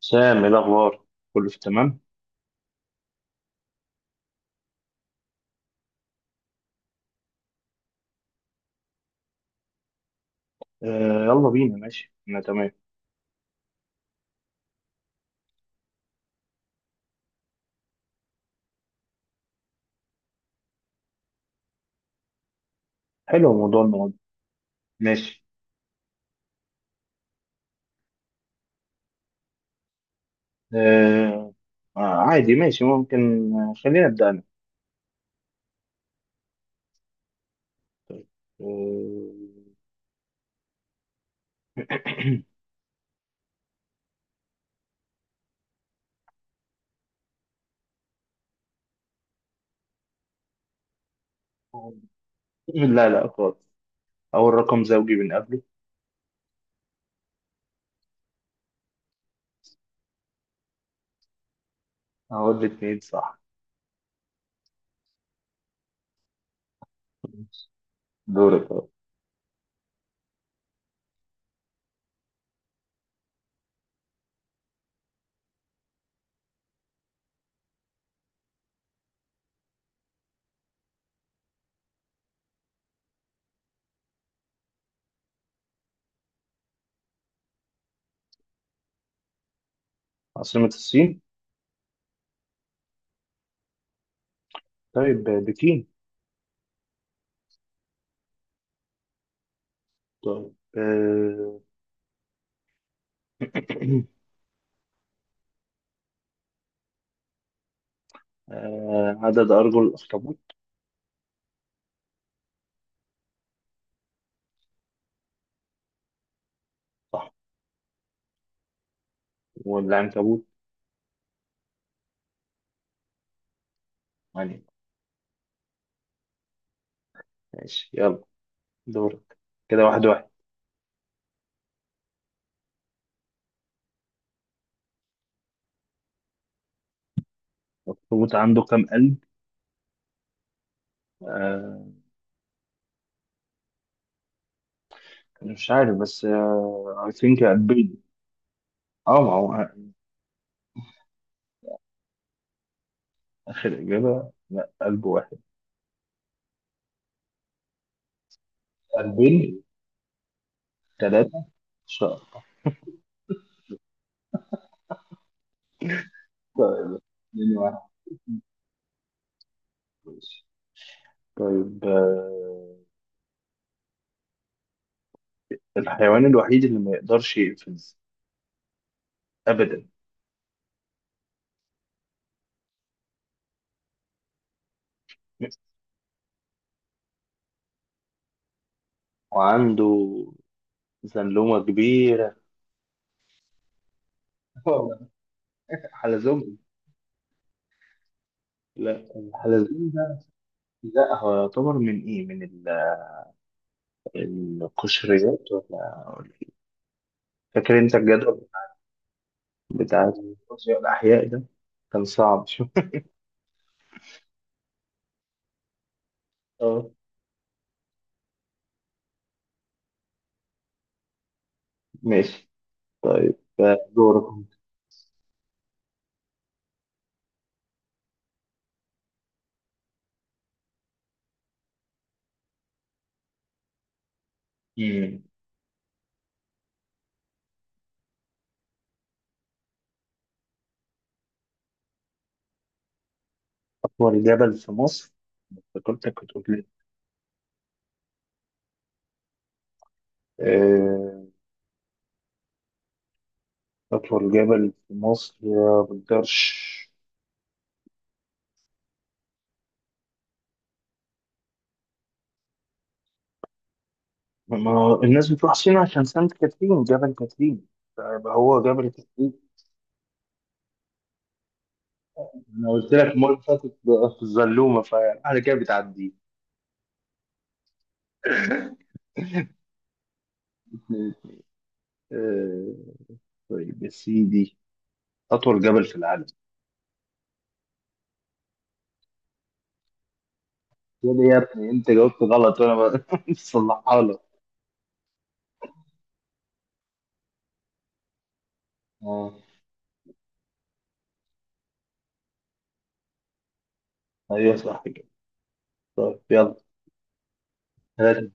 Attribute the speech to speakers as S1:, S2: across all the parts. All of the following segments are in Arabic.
S1: سام، ايه الاخبار؟ كله في تمام. آه، يلا بينا، ماشي، انا تمام. حلو، موضوع المواد. ماشي. آه، آه، عادي ماشي ممكن. آه، خلينا نبدا انا. آه. لا لا خالص. اول رقم زوجي بنقابله. اهو الاتنين، صح. دورك أهو. عاصمة الصين؟ طيب، بكين. طيب، عدد ارجل الاخطبوط؟ صح. والعنكبوت؟ يعني. ماشي يلا. دورك. كده 1-1. الأخطبوط عنده كام قلب؟ آه مش عارف بس. اي ثينك قلبين. اه، ما هو. آخر إجابة، لا، قلب واحد. قلبين. ثلاثة. شهر. طيب. 2-1. ماشي. طيب، الحيوان الوحيد اللي ما يقدرش يقفز أبدا. وعنده زنلومة كبيرة. حلزون. لا. الحلزون ده. لا، هو يعتبر من ايه، من القشريات. فاكر انت الجدول بتاع الفيزياء الأحياء ده، كان صعب شوية. اه، ماشي. طيب، دورك. مم. أطول جبل في مصر؟ فكرتك بتقول لي. آه، أطول جبل في مصر يا بالدرش. ما هو الناس بتروح سينا عشان سانت كاترين، جبل كاترين، فيبقى هو جبل كاترين. أنا قلت لك المرة اللي فاتت بقى في الزلومة، فعلى كده بتعديه. آه، طيب يا سيدي، أطول جبل في العالم؟ يا ابني، يا ابني، أنت جاوبت غلط وأنا بصلحها. اه، ايوه، صح كده. طيب يلا. ثلاثة.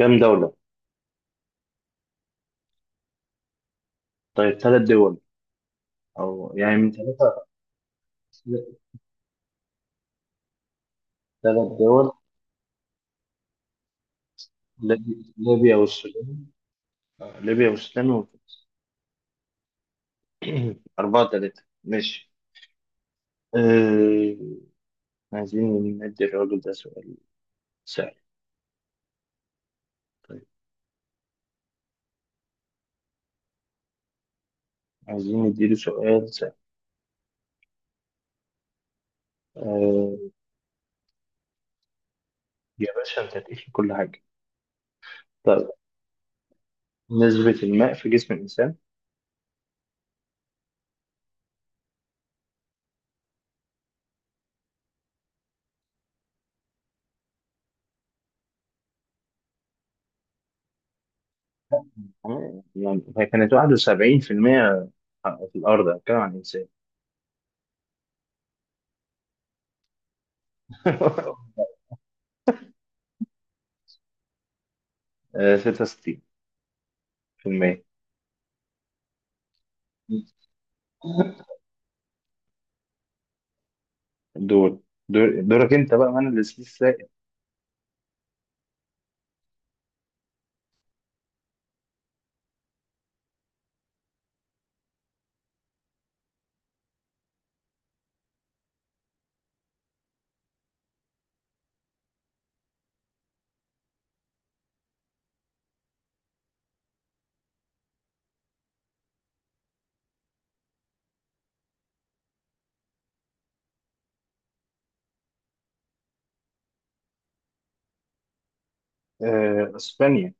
S1: كم دولة؟ طيب، ثلاث دول. أو يعني من ثلاثة. ثلاث دول. ليبيا والسودان. ليبيا والسودان وتونس. 4-3، ماشي. آه، عايزين ندي الراجل ده سؤال سهل. طيب، عايزين نديله سؤال سهل. آه، يا باشا، أنت تقيس في كل حاجة. طيب، نسبة الماء في جسم الإنسان؟ يعني هي كانت 71% في المية في الأرض، أتكلم عن الإنسان. 66%. دول. دورك انت بقى، من السبيس السائل. آه، اسبانيا.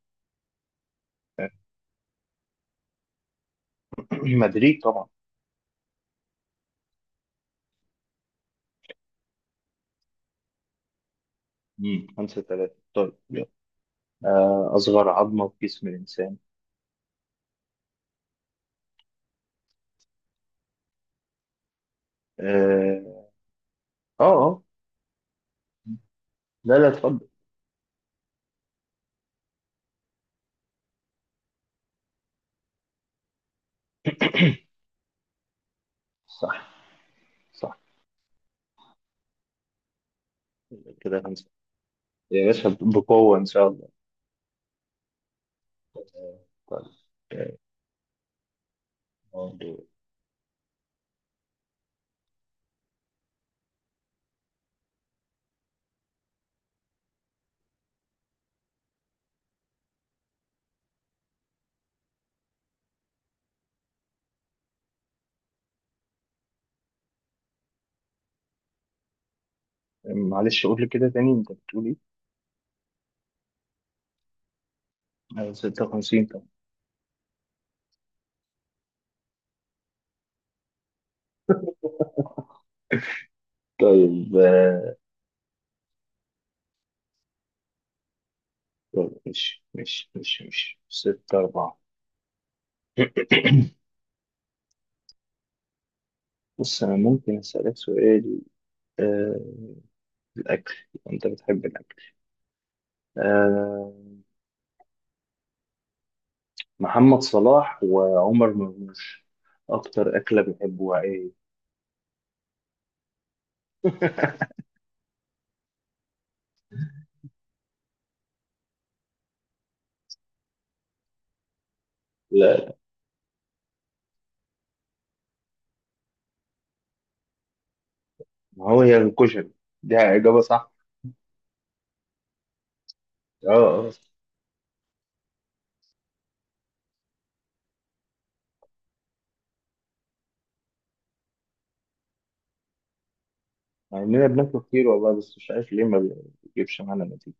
S1: آه مدريد طبعا. مم. 5-3، طيب يلا. أصغر عظمة في جسم الإنسان؟ آه، آه، آه. لا، لا، اتفضل. صح، صح. كده خمسة. يا باشا، بقوة إن شاء الله. طيب. آه، برضو- معلش، قول لي كده تاني، أنت بتقول إيه؟ 56 طبعا. طيب، طيب، ماشي ماشي ماشي ماشي، 6-4. بص، أنا ممكن أسألك سؤال. آه الأكل. أنت بتحب الأكل؟ آه. محمد صلاح وعمر مرموش، أكتر أكلة بيحبوها إيه؟ لا، ما هو هي الكشري دي إجابة صح. آه، آه. مع إننا بناكله كتير والله، بس مش عارف ليه ما بيجيبش معانا نتيجة.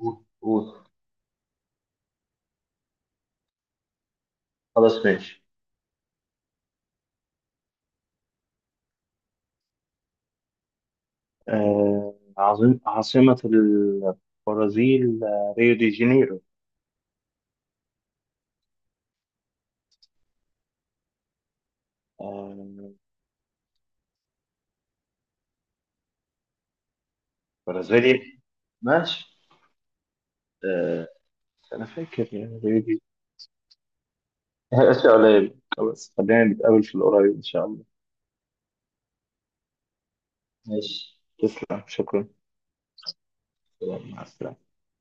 S1: قول، قول. خلاص ماشي. عظيم. عاصمة البرازيل؟ ريو دي جانيرو. آه برازيليا. ماشي، أنا فاكر يعني هي دي. هي أشياء قليلة، خلاص خلينا نتقابل في القريب إن شاء الله. ماشي، تسلم، شكرا. سلام. مع السلامة.